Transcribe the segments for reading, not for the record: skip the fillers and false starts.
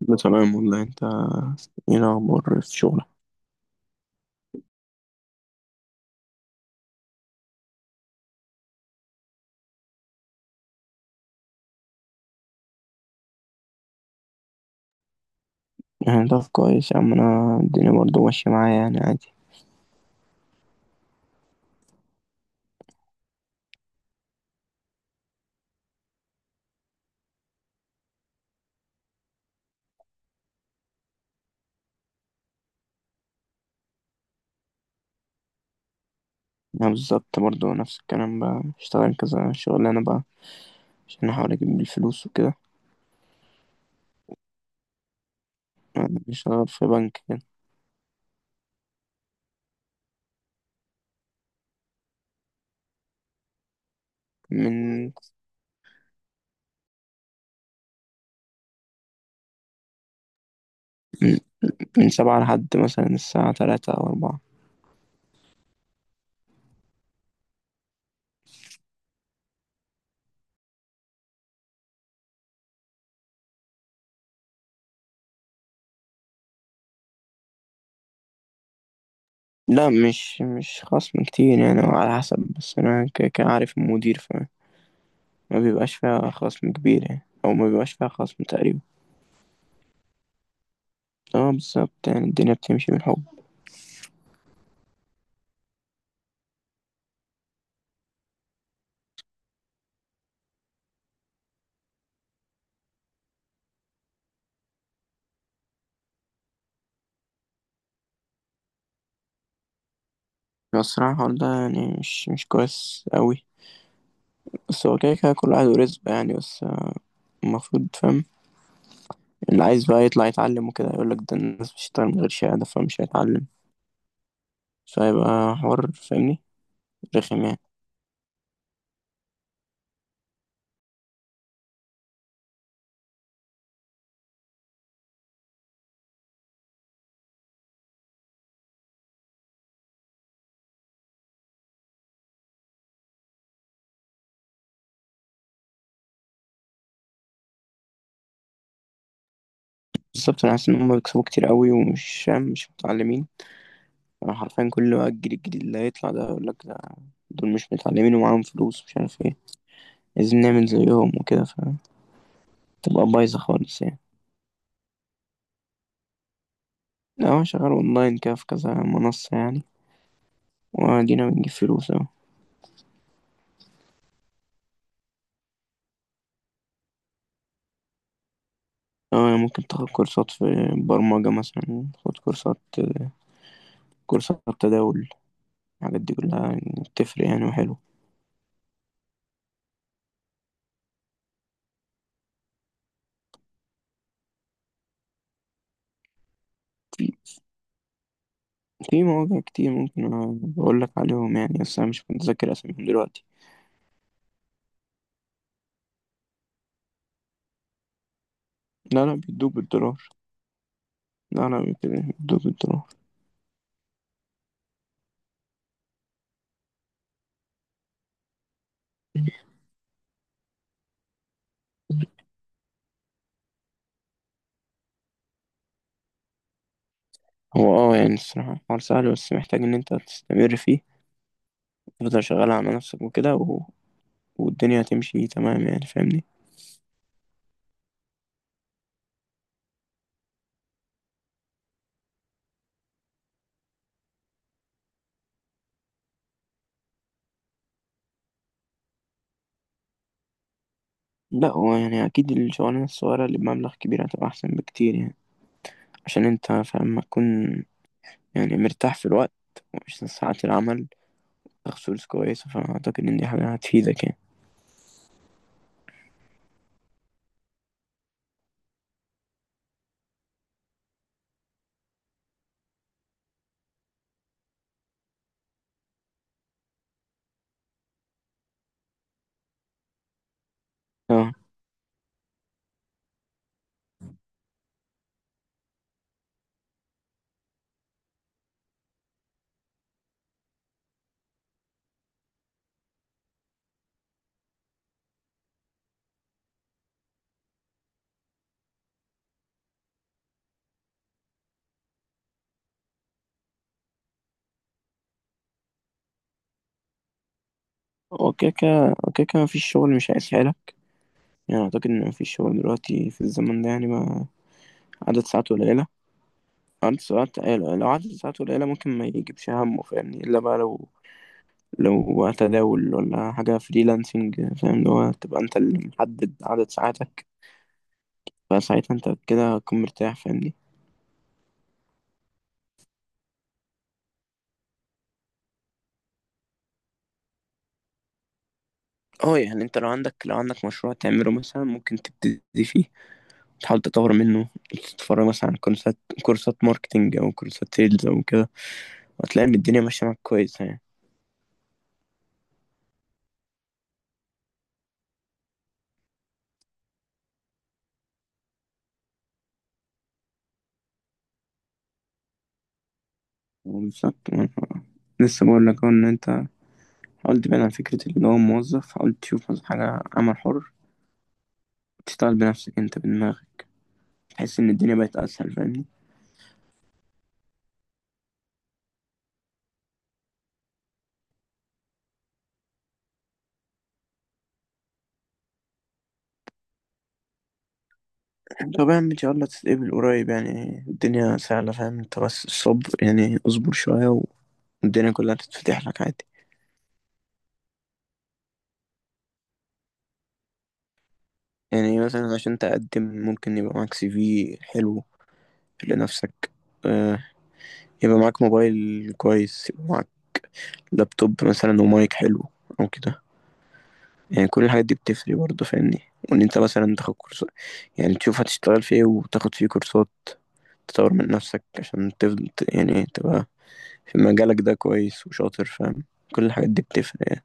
لا، تمام والله. انت ايه الاخبار في شغلك؟ يعني ده كويس يا عم، انا الدنيا برضه ماشيه معايا يعني عادي. انا بالظبط برضه نفس الكلام، بقى اشتغل كذا شغلانه بقى عشان احاول اجيب الفلوس وكده. انا بشتغل في بنك كده من من من 7 لحد مثلا الساعة 3 أو 4. لا، مش خصم كتير يعني، هو على حسب، بس أنا كان عارف المدير، فما بيبقاش فيها خصم كبير يعني، أو ما بيبقاش فيها خصم تقريبا. اه بالظبط، يعني الدنيا بتمشي بالحب. بس الصراحة الحوار ده يعني مش كويس أوي، بس هو كده كده كل واحد ورزقه يعني. بس المفروض فاهم، اللي عايز بقى يطلع يتعلم وكده يقولك ده الناس بتشتغل من غير شهادة فمش هيتعلم، فيبقى حوار فاهمني، رخم يعني. بالظبط، أنا حاسس إن هما بيكسبوا كتير أوي ومش فاهم، مش متعلمين. أنا حرفيا كل بقى الجيل الجديد اللي هيطلع ده يقولك ده دول مش متعلمين ومعاهم فلوس مش عارف ايه، عايزين نعمل زيهم وكده. فتبقى بايظة خالص يعني. لا، هو شغال أونلاين كده في كذا منصة يعني، وأدينا بنجيب فلوس أهو. اه يعني ممكن تاخد كورسات في برمجة مثلا، تاخد كورسات تداول، الحاجات دي كلها يعني بتفرق يعني وحلو. في في مواقع كتير، ممكن بقول لك عليهم يعني بس انا مش متذكر اساميهم دلوقتي. لا لا، بيدوك بالدولار. لا لا، بيدوك بالدولار. هو يعني الصراحة الحوار سهل، بس محتاج ان انت تستمر فيه، تفضل شغال على نفسك وكده. والدنيا هتمشي تمام يعني فاهمني. لا، هو يعني اكيد الشغلانة الصغيرة اللي بمبلغ كبير هتبقى احسن بكتير يعني، عشان انت فاهم ما تكون يعني مرتاح في الوقت ومش ساعات العمل، تاخد فلوس كويسة، فأعتقد إن دي حاجة هتفيدك يعني. اه، وكيكة وكيكة مفيش شغل مش هيسهلك، يعني أعتقد إن مفيش شغل دلوقتي في الزمن ده يعني ما عدد ساعاته قليلة. عدد ساعات آه، لو عدد ساعاته قليلة ممكن ما يجيبش همه فاهمني، إلا بقى لو تداول ولا حاجة فريلانسنج فاهم اللي هو تبقى أنت اللي محدد عدد ساعاتك، فساعتها أنت كده هتكون مرتاح فاهمني. اه يعني أنت لو عندك مشروع تعمله مثلا ممكن تبتدي فيه، تحاول تطور منه، تتفرج مثلا على كورسات ماركتينج او كورسات سيلز او كده، وهتلاقي ان الدنيا ماشيه معاك كويسه يعني. وبالذات، لسه بقول لك أهو ان انت حاول تبعد عن فكره ان هو موظف، حاول تشوف مثلا حاجه عمل حر، تشتغل بنفسك انت بدماغك، تحس ان الدنيا بقت اسهل فاهمني. طبعا ان شاء الله تتقبل قريب يعني، الدنيا سهله فاهم، انت بس الصبر يعني اصبر شويه والدنيا كلها تتفتح لك عادي. يعني مثلا عشان تقدم ممكن يبقى معاك CV حلو لنفسك، آه، يبقى معاك موبايل كويس، يبقى معاك لابتوب مثلا ومايك حلو او كده، يعني كل الحاجات دي بتفرق برضه فاهمني. وان انت مثلا تاخد كورسات، يعني تشوف هتشتغل في ايه وتاخد فيه كورسات، تطور من نفسك عشان تفضل يعني تبقى في مجالك ده كويس وشاطر فاهم، كل الحاجات دي بتفرق يعني.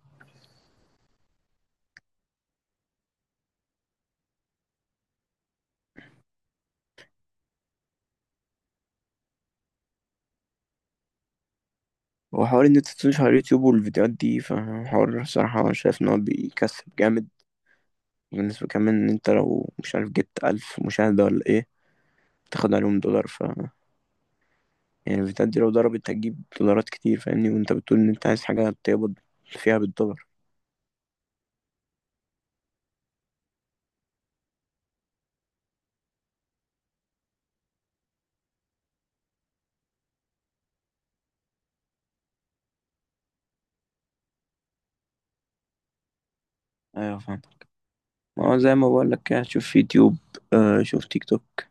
وحوار ان انت تنشر على اليوتيوب والفيديوهات دي، فحوار صراحة شايف ان هو بيكسب جامد، بالنسبة كمان ان انت لو مش عارف جبت 1000 مشاهدة ولا ايه تاخد عليهم دولار، يعني الفيتات دي لو ضربت هتجيب دولارات كتير فاهمني، وانت بتقول ان انت عايز حاجة تقبض فيها بالدولار. ايوه فاهم، ما هو زي ما بقول لك كده، شوف يوتيوب، آه شوف تيك توك،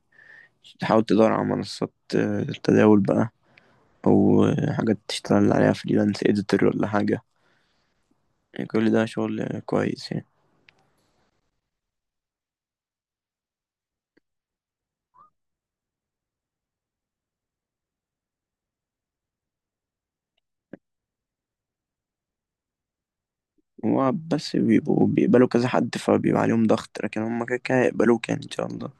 تحاول تدور على منصات التداول بقى، او حاجات تشتغل عليها فريلانس اديتور ولا حاجة، يعني كل ده شغل كويس يعني. هو بس بيبقوا بيقبلوا كذا حد فبيبقى عليهم ضغط، لكن هم كده كده يقبلوك يعني ان شاء الله.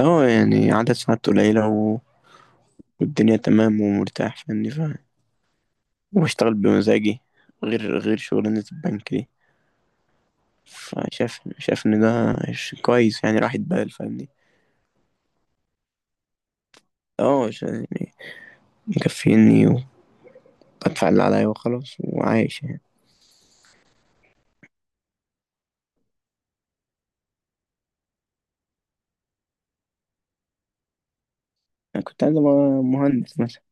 اه يعني عدد ساعات قليلة والدنيا تمام ومرتاح فاهمني. واشتغل بمزاجي، غير شغلانة البنك دي. فشاف ان ده كويس يعني راحة بال فاهمني. اه يعني مكفيني، وبدفع اللي عليا وخلاص وعايش يعني. انا كنت عايز ابقى مهندس مثلا،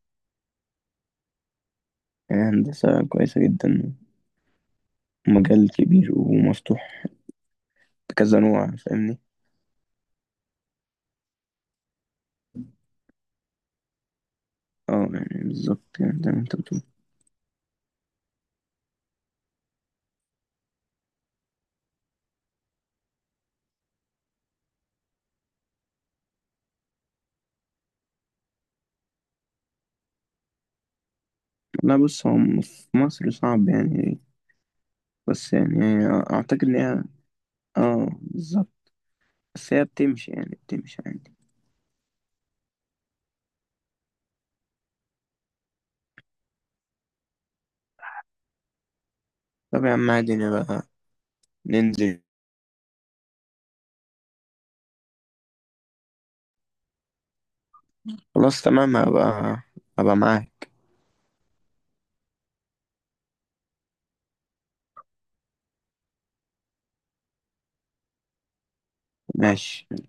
يعني هندسة كويسة جدا، مجال كبير ومفتوح بكذا نوع فاهمني. اه يعني بالظبط، يعني زي ما انت بتقول. لا بص، هو في مصر صعب يعني، بس يعني اعتقد ان هي، اه بالظبط، بس هي بتمشي يعني بتمشي عادي. طب يا عم عادي نبقى ننزل. خلاص تمام، هبقى معاك. ماشي.